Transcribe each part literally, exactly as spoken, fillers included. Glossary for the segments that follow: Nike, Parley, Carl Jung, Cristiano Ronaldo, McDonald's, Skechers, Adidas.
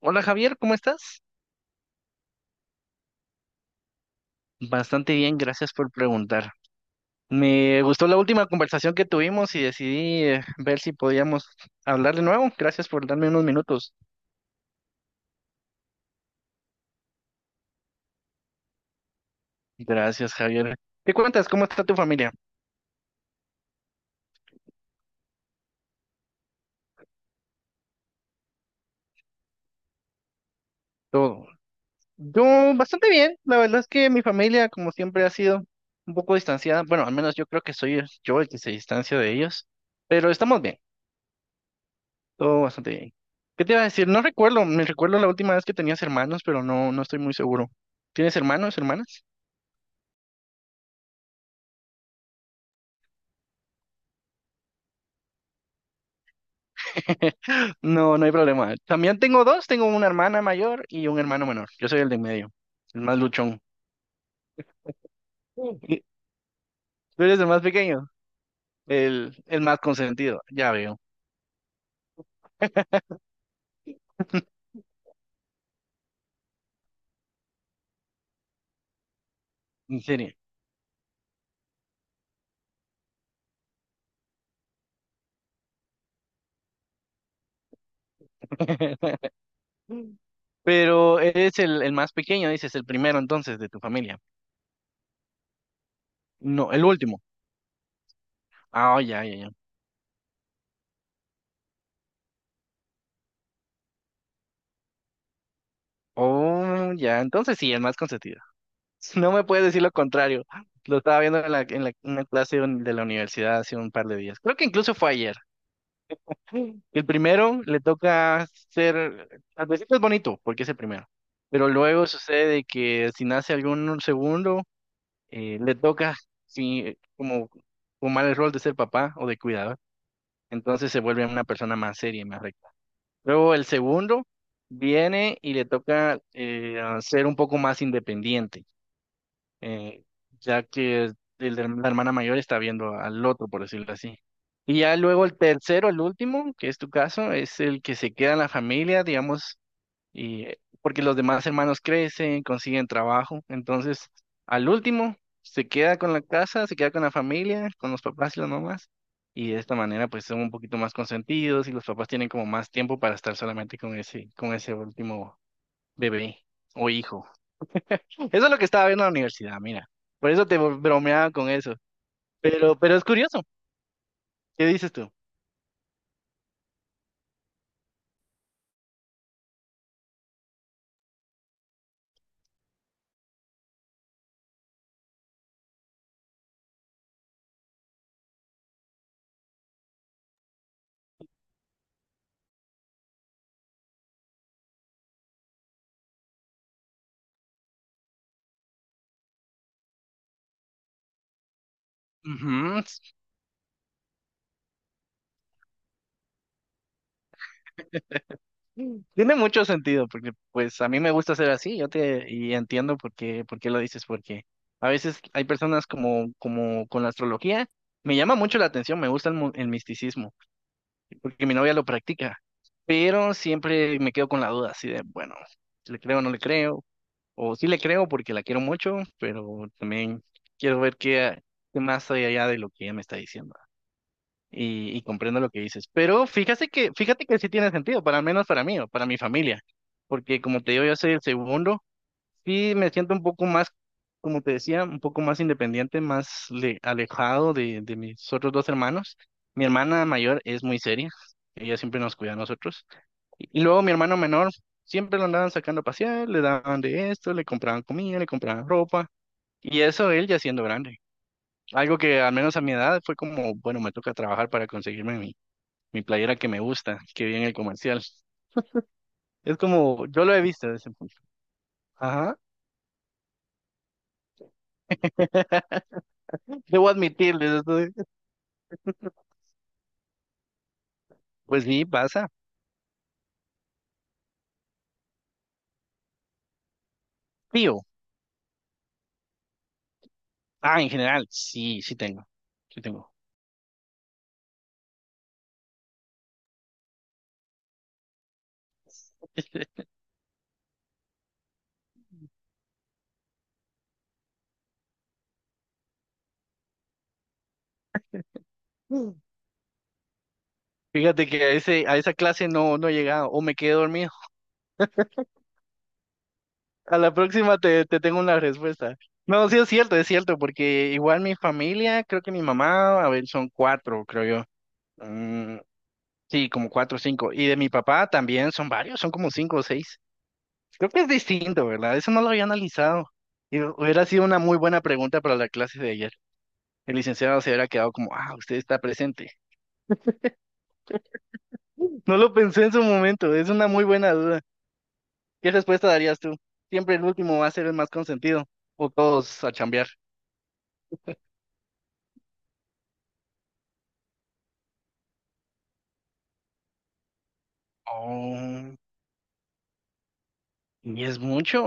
Hola Javier, ¿cómo estás? Bastante bien, gracias por preguntar. Me gustó la última conversación que tuvimos y decidí eh, ver si podíamos hablar de nuevo. Gracias por darme unos minutos. Gracias, Javier. ¿Qué cuentas? ¿Cómo está tu familia? Todo. Yo bastante bien. La verdad es que mi familia, como siempre, ha sido un poco distanciada. Bueno, al menos yo creo que soy el- yo el que se distancia de ellos. Pero estamos bien. Todo bastante bien. ¿Qué te iba a decir? No recuerdo. Me recuerdo la última vez que tenías hermanos, pero no, no estoy muy seguro. ¿Tienes hermanos, hermanas? No, no hay problema. También tengo dos, tengo una hermana mayor y un hermano menor. Yo soy el de en medio, el más luchón. Sí. Y tú eres el más pequeño, el, el más consentido, ya veo, en serio. Pero eres el, el más pequeño, dices, el primero entonces de tu familia. No, el último. Ah, oh, ya, ya, ya. Oh, ya, entonces sí, el más consentido. No me puedes decir lo contrario. Lo estaba viendo en la, en la- en una clase de un- de la universidad hace un par de días. Creo que incluso fue ayer. El primero le toca ser, al principio es bonito porque es el primero, pero luego sucede de que si nace algún segundo, eh, le toca sí, como tomar el rol de ser papá o de cuidador, entonces se vuelve una persona más seria y más recta. Luego el segundo viene y le toca eh, ser un poco más independiente eh, ya que el de- la hermana mayor está viendo al otro, por decirlo así. Y ya luego el tercero, el último, que es tu caso, es el que se queda en la familia, digamos, y eh, porque los demás hermanos crecen, consiguen trabajo, entonces al último se queda con la casa, se queda con la familia, con los papás y las mamás, y de esta manera pues son un poquito más consentidos y los papás tienen como más tiempo para estar solamente con ese, con ese último bebé o hijo. Eso es lo que estaba viendo en la universidad, mira. Por eso te bromeaba con eso. Pero, pero es curioso. ¿Qué dices tú? Ujú, s- tiene mucho sentido, porque pues a mí me gusta ser así, yo te y entiendo por qué, por qué lo dices, porque a veces hay personas como, como con la astrología, me llama mucho la atención, me gusta el, mu- el misticismo, porque mi novia lo practica, pero siempre me quedo con la duda, así de, bueno, si ¿le creo o no le creo? O sí le creo porque la quiero mucho, pero también quiero ver qué, qué más hay allá de lo que ella me está diciendo. Y, y comprendo lo que dices. Pero fíjate que, fíjate que sí tiene sentido, para al menos para mí o para mi familia. Porque como te digo, yo soy el segundo. Sí me siento un poco más, como te decía, un poco más independiente, más le- alejado de, de mis otros dos hermanos. Mi hermana mayor es muy seria. Ella siempre nos cuida a nosotros. Y luego mi hermano menor siempre lo andaban sacando a pasear, le daban de esto, le compraban comida, le compraban ropa. Y eso él ya siendo grande. Algo que al menos a mi edad fue como, bueno, me toca trabajar para conseguirme mi, mi playera que me gusta, que vi en el comercial. Es como, yo lo he visto desde ese punto. Ajá. Debo admitirles esto. de- Pues sí, pasa. Tío. Ah, en general, sí, sí tengo. Sí tengo. Mm. Fíjate que a ese, a esa clase no, no he llegado. O me quedé dormido. A la próxima te, te tengo una respuesta. No, sí es cierto, es cierto, porque igual mi familia, creo que mi mamá, a ver, son cuatro, creo yo. Mm, sí, como cuatro o cinco. Y de mi papá también son varios, son como cinco o seis. Creo que es distinto, ¿verdad? Eso no lo había analizado. Y hu- hubiera sido una muy buena pregunta para la clase de ayer. El licenciado se hubiera quedado como, ah, usted está presente. No lo pensé en su momento, es una muy buena duda. ¿Qué respuesta darías tú? Siempre el último va a ser el más consentido. O todos a chambear. Oh. Y es mucho.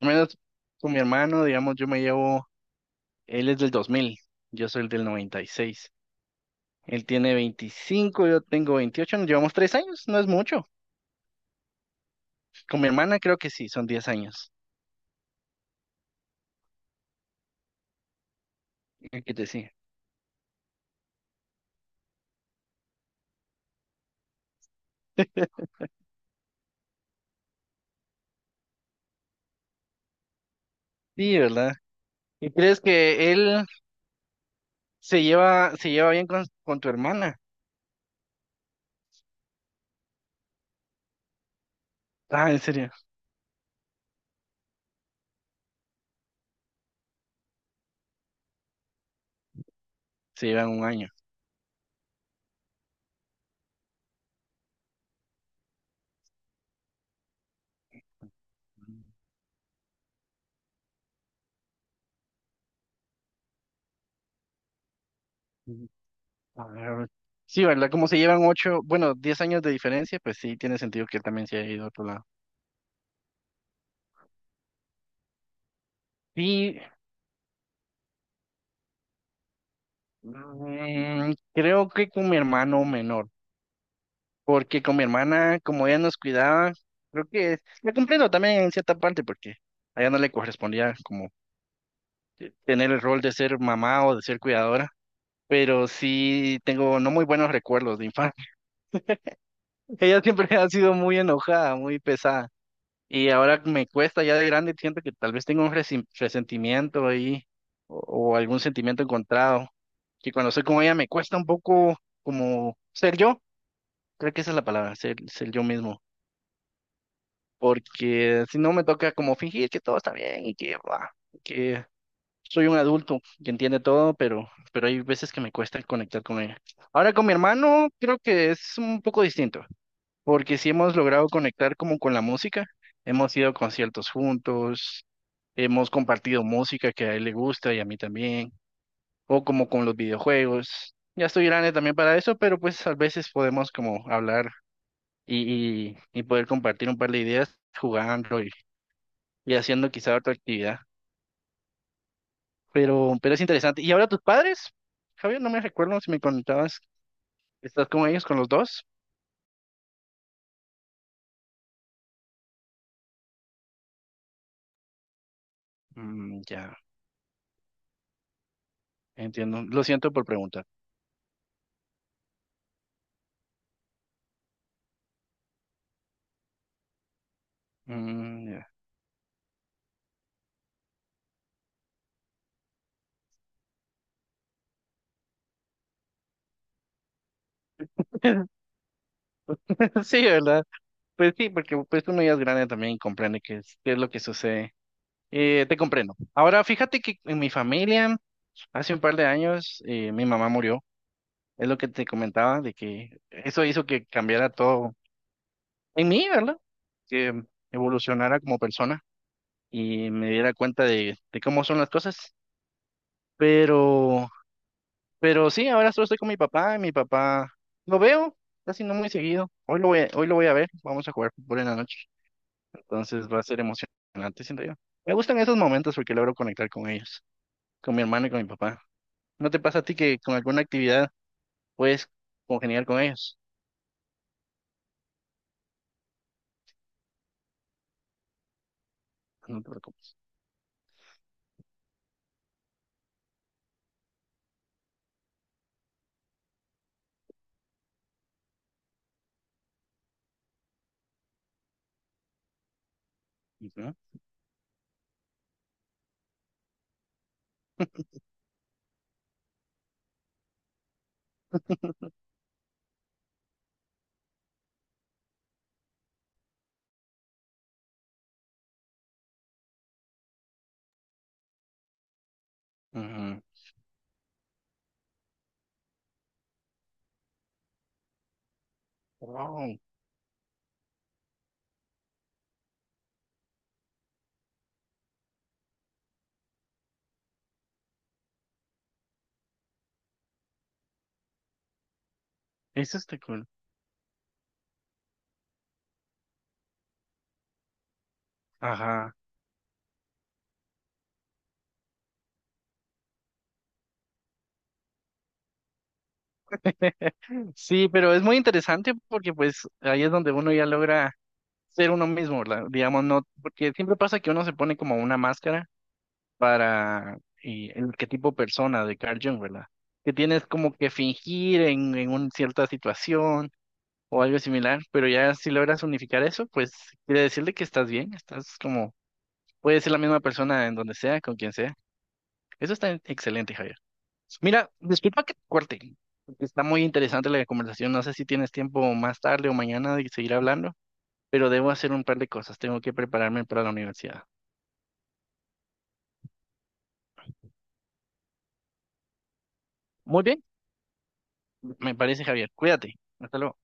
Al menos con mi hermano, digamos, yo me llevo, él es del dos mil, yo soy el del noventa y seis. Él tiene veinticinco, yo tengo veintiocho, nos llevamos tres años, no es mucho. Con mi hermana creo que sí, son diez años. Qué te decía. Sí, ¿verdad? ¿Y crees que él se lleva, se lleva bien con, con tu hermana? Ah, en serio, se llevan un año. Mm, a ver, sí, ¿verdad? Como se llevan ocho bueno, diez años de diferencia, pues sí, tiene sentido que él también se haya ido a otro lado. Sí, mm, creo que con mi hermano menor, porque con mi hermana, como ella nos cuidaba, creo que la comprendo también en cierta parte, porque a ella no le correspondía como te- tener el rol de ser mamá o de ser cuidadora, pero sí tengo no muy buenos recuerdos de infancia. Ella siempre ha sido muy enojada, muy pesada, y ahora me cuesta ya de grande, siento que tal vez tengo un resi- resentimiento ahí o, o algún sentimiento encontrado, que cuando soy con ella me cuesta un poco como ser yo. Creo que esa es la palabra, ser, ser yo mismo. Porque si no me toca como fingir que todo está bien y que, bla, que soy un adulto que entiende todo, pero, pero hay veces que me cuesta conectar con ella. Ahora con mi hermano creo que es un poco distinto, porque si hemos logrado conectar como con la música, hemos ido a conciertos juntos, hemos compartido música que a él le gusta y a mí también, o como con los videojuegos. Ya estoy grande también para eso, pero pues a veces podemos como hablar y, y- y poder compartir un par de ideas jugando y, y haciendo quizá otra actividad. Pero, pero es interesante. ¿Y ahora tus padres? Javier, no me recuerdo si me contabas, ¿estás con ellos, con los dos? Mm, ya, entiendo. Lo siento por preguntar. Mm, ya. Sí, ¿verdad? Pues sí, porque pues uno ya es grande también y comprende qué es, qué es lo que sucede. Eh, te comprendo. Ahora, fíjate que en mi familia, hace un par de años, eh, mi mamá murió. Es lo que te comentaba, de que eso hizo que cambiara todo en mí, ¿verdad? Que evolucionara como persona y me diera cuenta de, de cómo son las cosas. Pero, pero sí, ahora solo estoy con mi papá y mi papá lo veo casi no muy seguido. Hoy lo voy a, hoy lo voy a ver, vamos a jugar fútbol en la noche. Entonces va a ser emocionante, siento yo. Me gustan esos momentos porque logro conectar con ellos, con mi hermano y con mi papá. ¿No te pasa a ti que con alguna actividad puedes congeniar con ellos? No te preocupes. Ujú. Ujú. Wow, eso está cool. Ajá. Sí, pero es muy interesante porque pues ahí es donde uno ya logra ser uno mismo, la- digamos, no, porque siempre pasa que uno se pone como una máscara para eh, el arquetipo persona de Carl Jung, ¿verdad? Que tienes como que fingir en, en una cierta situación o algo similar, pero ya si logras unificar eso, pues quiere decirle que estás bien, estás como, puedes ser la misma persona en donde sea, con quien sea. Eso está excelente, Javier. Mira, disculpa que te corte, porque está muy interesante la conversación. No sé si tienes tiempo más tarde o mañana de seguir hablando, pero debo hacer un par de cosas. Tengo que prepararme para la universidad. Muy bien, me parece, Javier. Cuídate. Hasta luego.